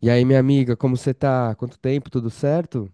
E aí, minha amiga, como você tá? Quanto tempo? Tudo certo?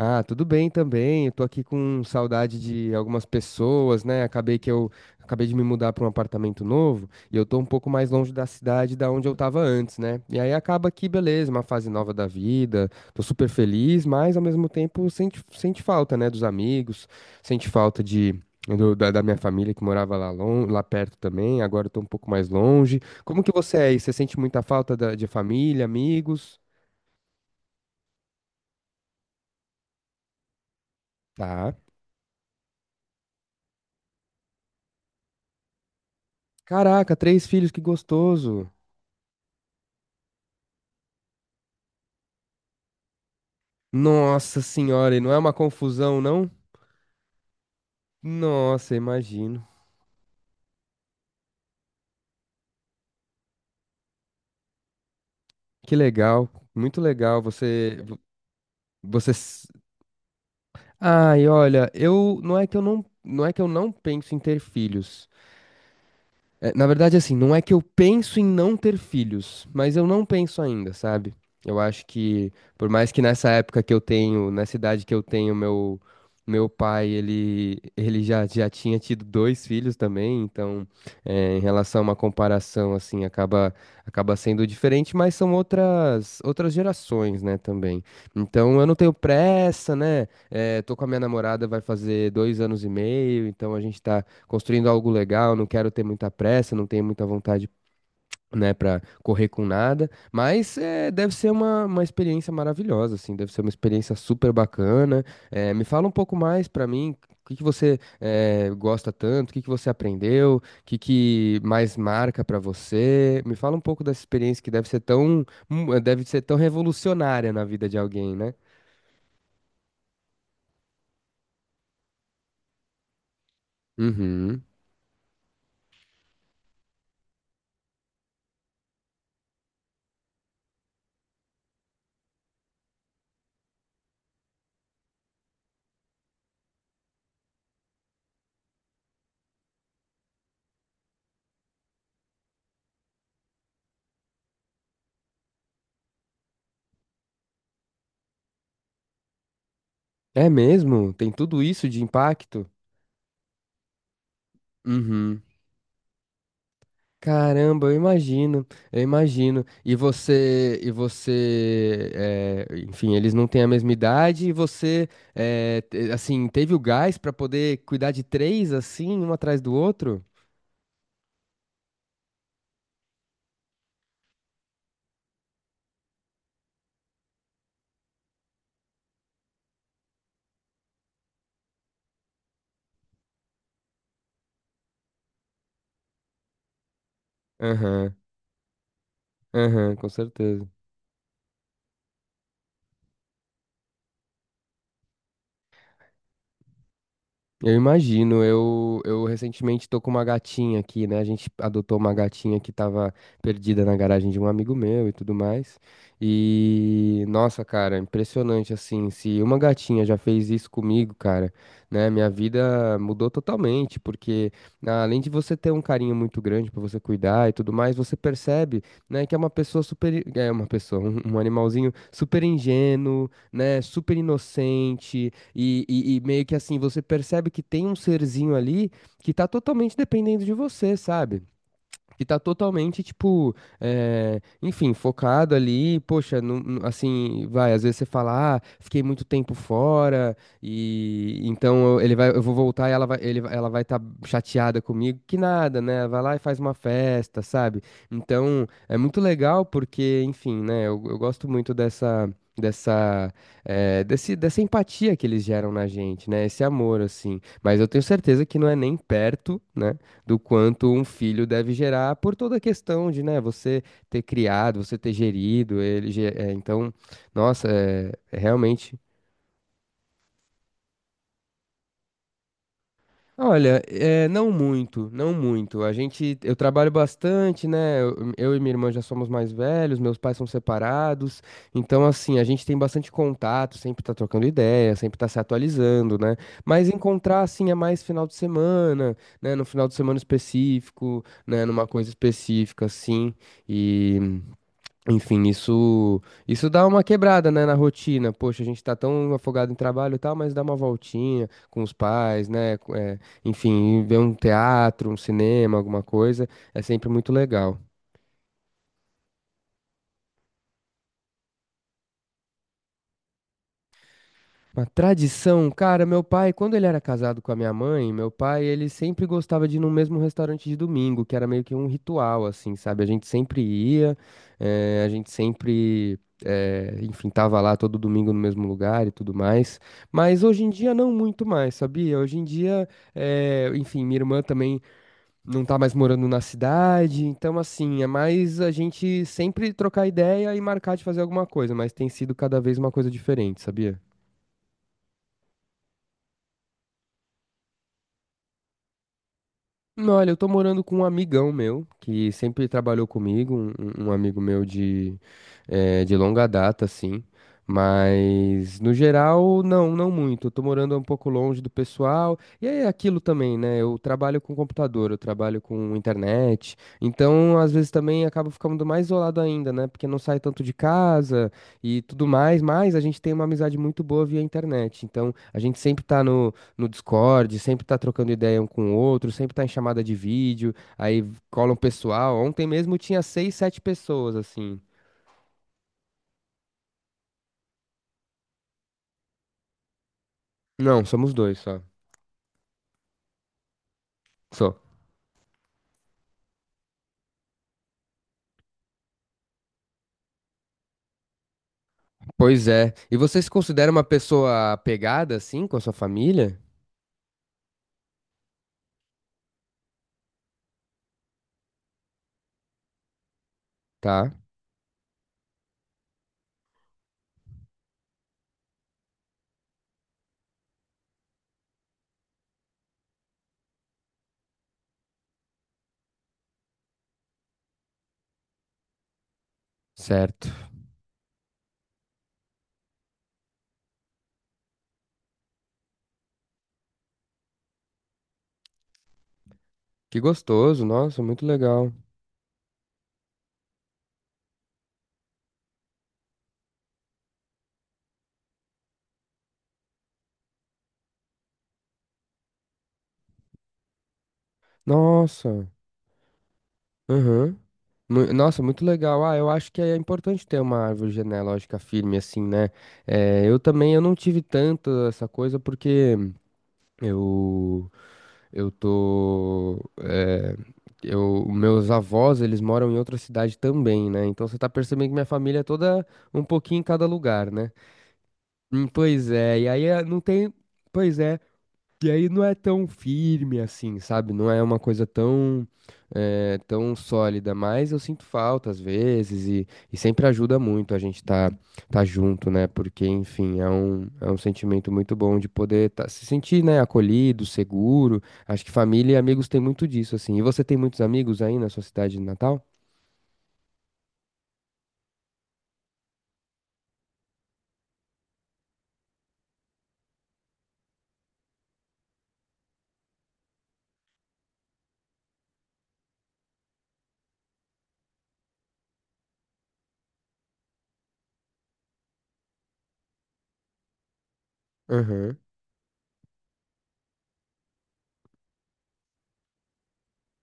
Ah, tudo bem também. Eu tô aqui com saudade de algumas pessoas, né? Acabei que eu Acabei de me mudar para um apartamento novo e eu tô um pouco mais longe da cidade da onde eu tava antes, né? E aí acaba que, beleza, uma fase nova da vida. Tô super feliz, mas ao mesmo tempo sente falta, né, dos amigos, sente falta da minha família que morava lá, lá perto também, agora eu tô um pouco mais longe. Como que você é aí? Você sente muita falta de família, amigos? Tá. Caraca, três filhos, que gostoso. Nossa senhora, e não é uma confusão, não? Nossa, imagino. Que legal, muito legal. Você. Ai, olha, eu não é que eu não, não é que eu não penso em ter filhos. É, na verdade, assim, não é que eu penso em não ter filhos, mas eu não penso ainda, sabe? Eu acho que, por mais que nessa época que eu tenho, nessa idade que eu tenho, meu pai, ele já tinha tido dois filhos também, então, é, em relação a uma comparação, assim, acaba sendo diferente, mas são outras gerações, né, também. Então, eu não tenho pressa, né? É, tô com a minha namorada, vai fazer 2 anos e meio, então a gente tá construindo algo legal, não quero ter muita pressa, não tenho muita vontade, né, para correr com nada, mas é, deve ser uma experiência maravilhosa, assim, deve ser uma experiência super bacana. É, me fala um pouco mais para mim. O que que você gosta tanto? O que que você aprendeu? O que que mais marca para você? Me fala um pouco dessa experiência que deve ser tão revolucionária na vida de alguém, né? Uhum. É mesmo? Tem tudo isso de impacto? Uhum. Caramba, eu imagino, eu imagino. E você, enfim, eles não têm a mesma idade e você, assim, teve o gás pra poder cuidar de três assim, um atrás do outro? Aham, aham, com certeza. Eu imagino, eu recentemente tô com uma gatinha aqui, né? A gente adotou uma gatinha que tava perdida na garagem de um amigo meu e tudo mais. E, nossa, cara, impressionante assim. Se uma gatinha já fez isso comigo, cara, né? Minha vida mudou totalmente, porque ah, além de você ter um carinho muito grande pra você cuidar e tudo mais, você percebe, né, que é uma pessoa super, é uma pessoa, um animalzinho super ingênuo, né? Super inocente e meio que assim, você percebe que tem um serzinho ali que tá totalmente dependendo de você, sabe? Que tá totalmente, tipo, enfim, focado ali, poxa, assim, vai, às vezes você fala, ah, fiquei muito tempo fora, e então ele vai, eu vou voltar e ela vai, ela vai estar chateada comigo, que nada, né? Vai lá e faz uma festa, sabe? Então, é muito legal porque, enfim, né, eu gosto muito dessa. Dessa, dessa empatia que eles geram na gente, né? Esse amor, assim. Mas eu tenho certeza que não é nem perto, né? Do quanto um filho deve gerar por toda a questão de, né, você ter criado, você ter gerido ele. É, então, nossa, é realmente. Olha, é, não muito, não muito. Eu trabalho bastante, né? Eu e minha irmã já somos mais velhos, meus pais são separados, então assim, a gente tem bastante contato, sempre tá trocando ideia, sempre tá se atualizando, né? Mas encontrar assim é mais final de semana, né? No final de semana específico, né? Numa coisa específica, assim. Enfim, isso dá uma quebrada, né, na rotina. Poxa, a gente tá tão afogado em trabalho e tal, mas dá uma voltinha com os pais, né? É, enfim, ver um teatro, um cinema, alguma coisa, é sempre muito legal. Uma tradição, cara, meu pai, quando ele era casado com a minha mãe, meu pai, ele sempre gostava de ir no mesmo restaurante de domingo, que era meio que um ritual, assim, sabe? A gente sempre ia, eh, a gente sempre, eh, enfim, tava lá todo domingo no mesmo lugar e tudo mais. Mas hoje em dia não muito mais, sabia? Hoje em dia, enfim, minha irmã também não tá mais morando na cidade, então assim, é mais a gente sempre trocar ideia e marcar de fazer alguma coisa, mas tem sido cada vez uma coisa diferente, sabia? Não, olha, eu tô morando com um amigão meu que sempre trabalhou comigo, um amigo meu de longa data, assim. Mas no geral, não, não muito. Eu tô morando um pouco longe do pessoal. E é aquilo também, né? Eu trabalho com computador, eu trabalho com internet. Então, às vezes também acabo ficando mais isolado ainda, né? Porque não sai tanto de casa e tudo mais. Mas a gente tem uma amizade muito boa via internet. Então, a gente sempre tá no Discord, sempre tá trocando ideia um com o outro, sempre tá em chamada de vídeo, aí cola um pessoal. Ontem mesmo tinha seis, sete pessoas, assim. Não, somos dois só. Só. Pois é. E você se considera uma pessoa apegada, assim, com a sua família? Tá, certo. Que gostoso, nossa, muito legal. Nossa, aham. Nossa, muito legal. Ah, eu acho que é importante ter uma árvore genealógica firme, assim, né? Eh, eu também, eu não tive tanto essa coisa porque eu eu tô. Eh, eu, meus avós, eles moram em outra cidade também, né? Então você tá percebendo que minha família é toda um pouquinho em cada lugar, né? Hum. Pois é, e aí, não tem. Pois é. E aí não é tão firme assim, sabe? Não é uma coisa tão sólida, mas eu sinto falta às vezes e sempre ajuda muito a gente tá, tá junto, né? Porque, enfim, é um sentimento muito bom de poder se sentir, né, acolhido, seguro. Acho que família e amigos tem muito disso, assim. E você tem muitos amigos aí na sua cidade de Natal? Aham.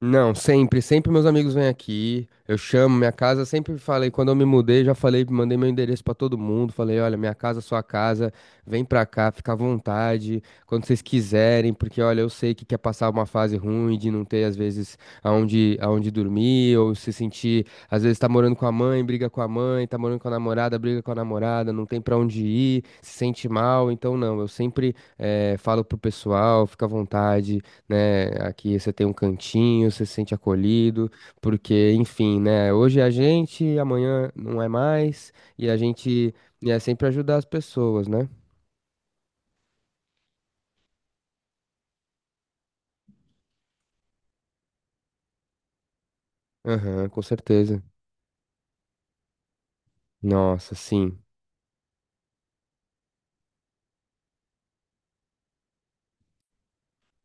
Não, sempre meus amigos vêm aqui, eu chamo, minha casa, sempre falei, quando eu me mudei, já falei, mandei meu endereço pra todo mundo, falei, olha, minha casa, sua casa, vem pra cá, fica à vontade, quando vocês quiserem, porque olha, eu sei que quer passar uma fase ruim de não ter, às vezes, aonde dormir, ou se sentir, às vezes tá morando com a mãe, briga com a mãe, tá morando com a namorada, briga com a namorada, não tem pra onde ir, se sente mal, então não, eu sempre falo pro pessoal, fica à vontade, né? Aqui você tem um cantinho, você se sente acolhido, porque, enfim, né? Hoje é a gente, amanhã não é mais, e a gente e é sempre ajudar as pessoas, né? Aham, com certeza. Nossa, sim.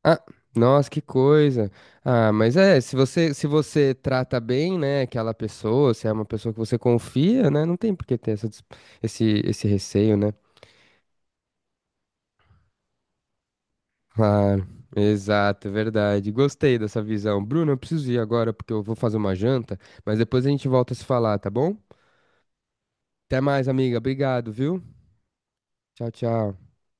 Ah, nossa, que coisa. Ah, mas é, se você trata bem, né, aquela pessoa, se é uma pessoa que você confia, né, não tem por que ter essa, dis- esse esse receio, né? Claro, exato, é verdade. Gostei dessa visão. Bruno, eu preciso ir agora porque eu vou fazer uma janta, mas depois a gente volta a se falar, tá bom? Até mais, amiga. Obrigado, viu? Tchau, tchau.